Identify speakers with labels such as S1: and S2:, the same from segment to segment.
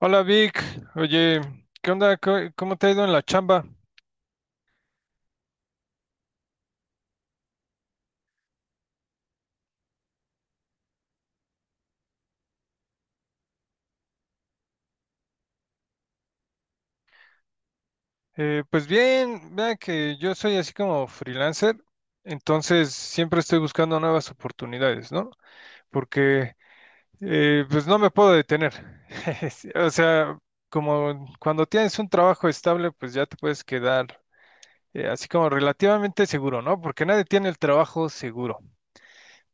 S1: Hola Vic, oye, ¿qué onda? ¿Cómo te ha ido en la chamba? Pues bien, vea que yo soy así como freelancer, entonces siempre estoy buscando nuevas oportunidades, ¿no? Porque pues no me puedo detener. Sí. O sea, como cuando tienes un trabajo estable, pues ya te puedes quedar así como relativamente seguro, ¿no? Porque nadie tiene el trabajo seguro,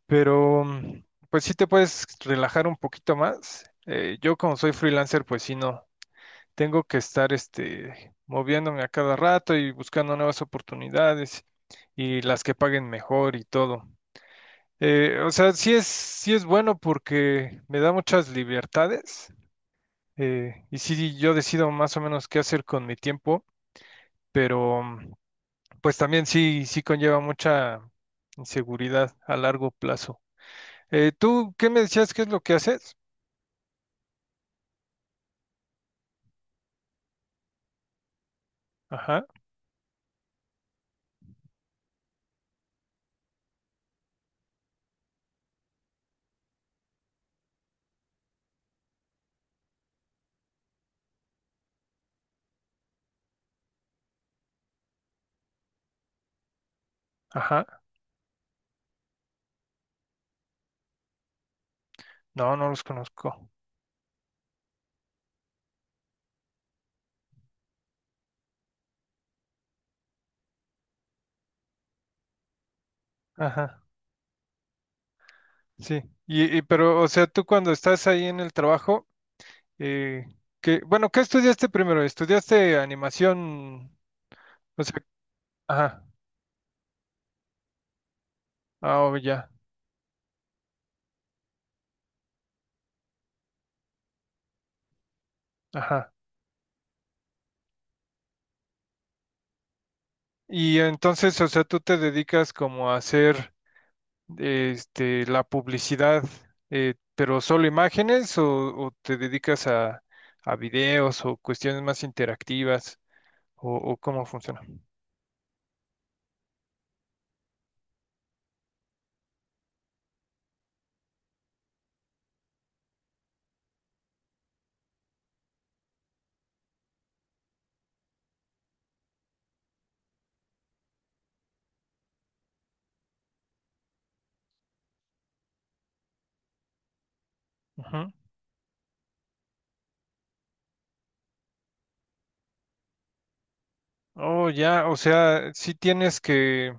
S1: pero pues sí te puedes relajar un poquito más. Yo como soy freelancer, pues sí no. Tengo que estar este, moviéndome a cada rato y buscando nuevas oportunidades y las que paguen mejor y todo. O sea, sí es bueno porque me da muchas libertades, y sí yo decido más o menos qué hacer con mi tiempo, pero pues también sí, sí conlleva mucha inseguridad a largo plazo. ¿Tú qué me decías? ¿Qué es lo que haces? Ajá, ajá. No, no los conozco. Ajá. Sí, pero, o sea, tú cuando estás ahí en el trabajo, eh, que, bueno, ¿qué estudiaste primero? ¿Estudiaste animación? O sea, ajá, ah, oh, ya, ajá. Y entonces, o sea, tú te dedicas como a hacer, este, la publicidad, pero solo imágenes o te dedicas a videos o cuestiones más interactivas o cómo funciona. Ujú. Oh, ya, o sea, sí tienes que.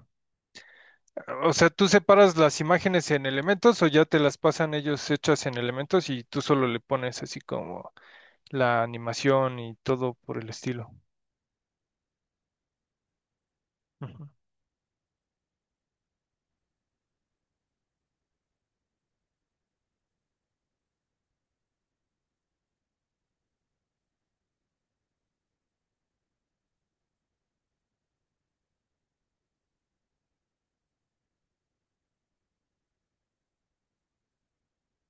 S1: O sea, ¿tú separas las imágenes en elementos o ya te las pasan ellos hechas en elementos y tú solo le pones así como la animación y todo por el estilo? Ujú,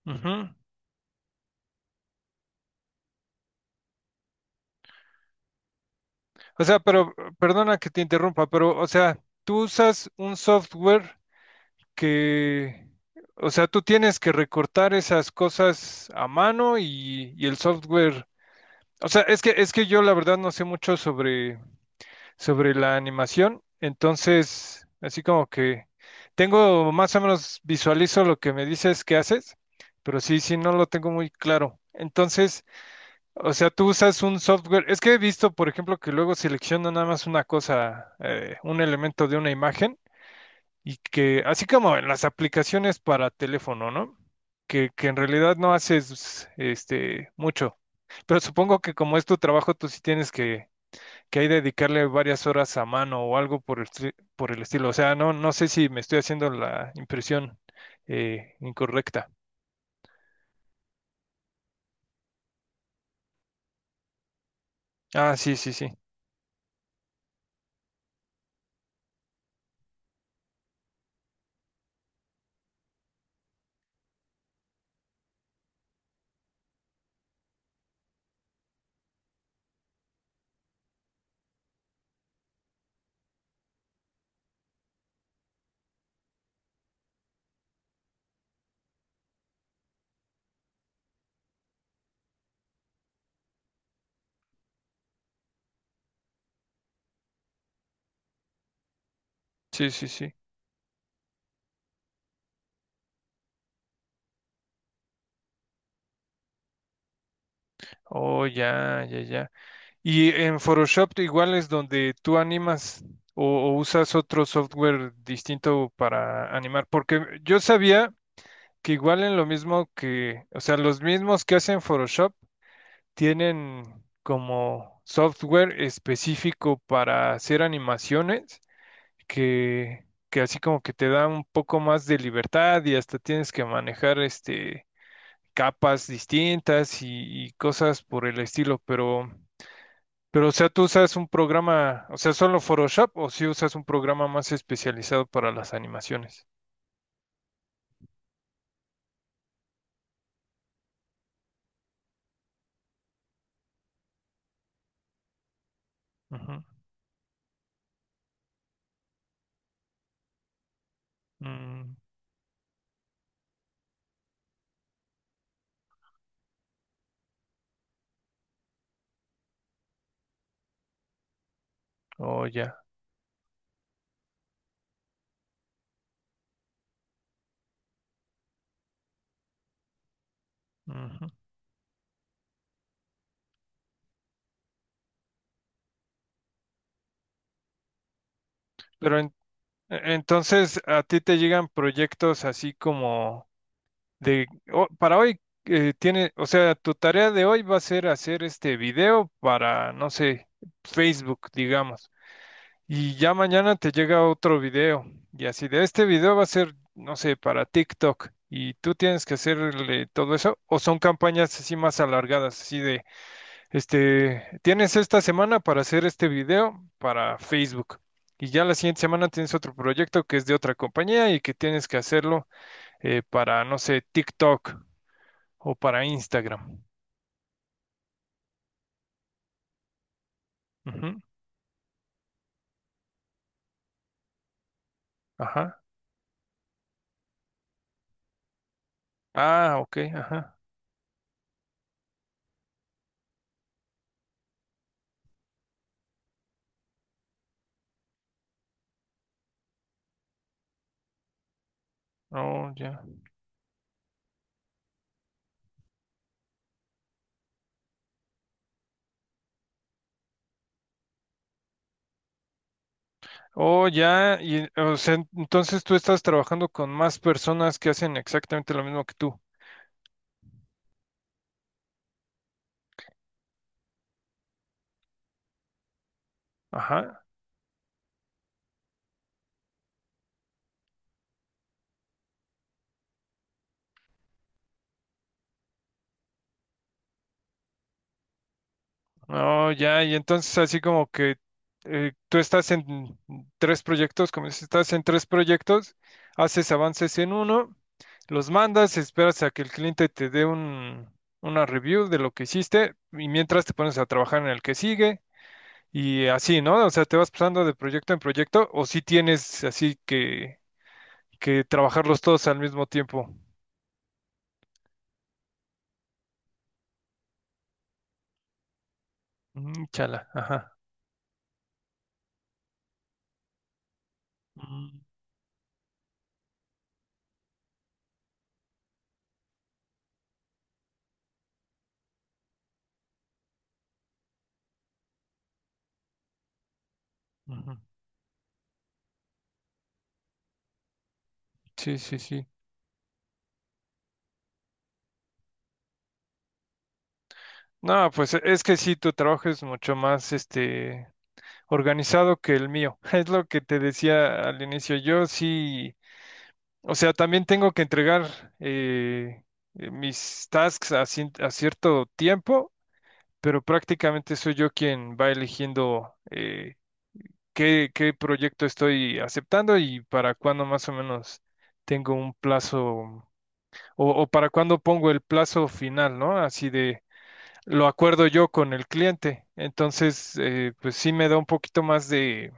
S1: ujú. O sea, pero perdona que te interrumpa, pero o sea, tú usas un software que, o sea, tú tienes que recortar esas cosas a mano y el software, o sea, es que yo la verdad no sé mucho sobre sobre la animación. Entonces, así como que tengo más o menos visualizo lo que me dices que haces, pero sí, sí, no lo tengo muy claro. Entonces, o sea, tú usas un software. Es que he visto, por ejemplo, que luego selecciona nada más una cosa, un elemento de una imagen, y que, así como en las aplicaciones para teléfono, ¿no? Que en realidad no haces este mucho. Pero supongo que como es tu trabajo, tú sí tienes que hay de dedicarle varias horas a mano o algo por el, por el estilo. O sea, no, no sé si me estoy haciendo la impresión incorrecta. Ah, sí, sí, sí. Sí, sí, sí. Oh, ya, ya, ya. Y en Photoshop igual es donde tú animas o usas otro software distinto para animar, porque yo sabía que igual en lo mismo que, o sea, los mismos que hacen Photoshop tienen como software específico para hacer animaciones que así como que te da un poco más de libertad y hasta tienes que manejar este capas distintas y cosas por el estilo, pero o sea, tú usas un programa, o sea, solo Photoshop o si usas un programa más especializado para las animaciones. Ujú. Mm, oh, ya. Ujú. Pero en- entonces, ¿a ti te llegan proyectos así como de o- para hoy tiene, o sea, tu tarea de hoy va a ser hacer este video para, no sé, Facebook, digamos. Y ya mañana te llega otro video. Y así de este video va a ser, no sé, para TikTok. Y tú tienes que hacerle todo eso. O son campañas así más alargadas, así de, este, tienes esta semana para hacer este video para Facebook. Y ya la siguiente semana tienes otro proyecto que es de otra compañía y que tienes que hacerlo para, no sé, TikTok o para Instagram. Ujú, ajá. Ah, ok, ajá. Oh, ya. Oh, ya. Y, o sea, entonces tú estás trabajando con más personas que hacen exactamente lo mismo que tú. Ajá. Oh, ya. Y entonces así como que tú estás en tres proyectos, como dices, estás en tres proyectos, haces avances en uno, los mandas, esperas a que el cliente te dé un, una review de lo que hiciste y mientras te pones a trabajar en el que sigue. Y así, ¿no? O sea, te vas pasando de proyecto en proyecto, o si tienes así que trabajarlos todos al mismo tiempo. Mm, chala, ajá. Mm, ujú. Sí, sí, sí. No, pues es que sí, tu trabajo es mucho más este organizado que el mío. Es lo que te decía al inicio. Yo sí, o sea, también tengo que entregar eh, mis tasks a, a cierto tiempo, pero prácticamente soy yo quien va eligiendo. Qué, qué proyecto estoy aceptando y para cuándo más o menos tengo un plazo o para cuándo pongo el plazo final, ¿no? Así de, lo acuerdo yo con el cliente. Entonces, pues sí me da un poquito más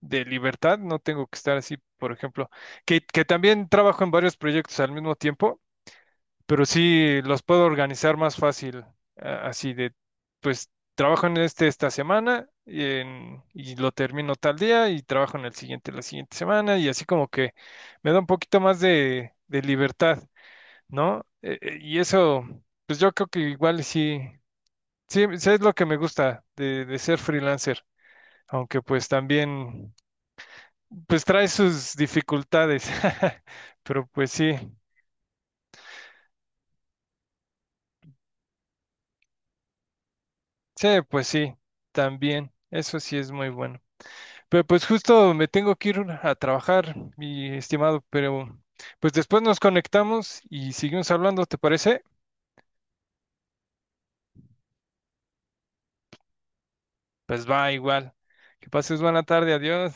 S1: de libertad, no tengo que estar así, por ejemplo, que también trabajo en varios proyectos al mismo tiempo pero sí los puedo organizar más fácil, así de, pues trabajo en este esta semana y, y lo termino tal día y trabajo en el siguiente la siguiente semana y así como que me da un poquito más de libertad, ¿no? Y eso, pues yo creo que igual sí, sí, sí es lo que me gusta de ser freelancer, aunque pues también, pues trae sus dificultades, pero pues sí, sí, pues sí, también, eso sí es muy bueno. Pero pues justo me tengo que ir a trabajar, mi estimado, pero pues después nos conectamos y seguimos hablando, ¿te parece? Pues va igual. Que pases buena tarde, adiós.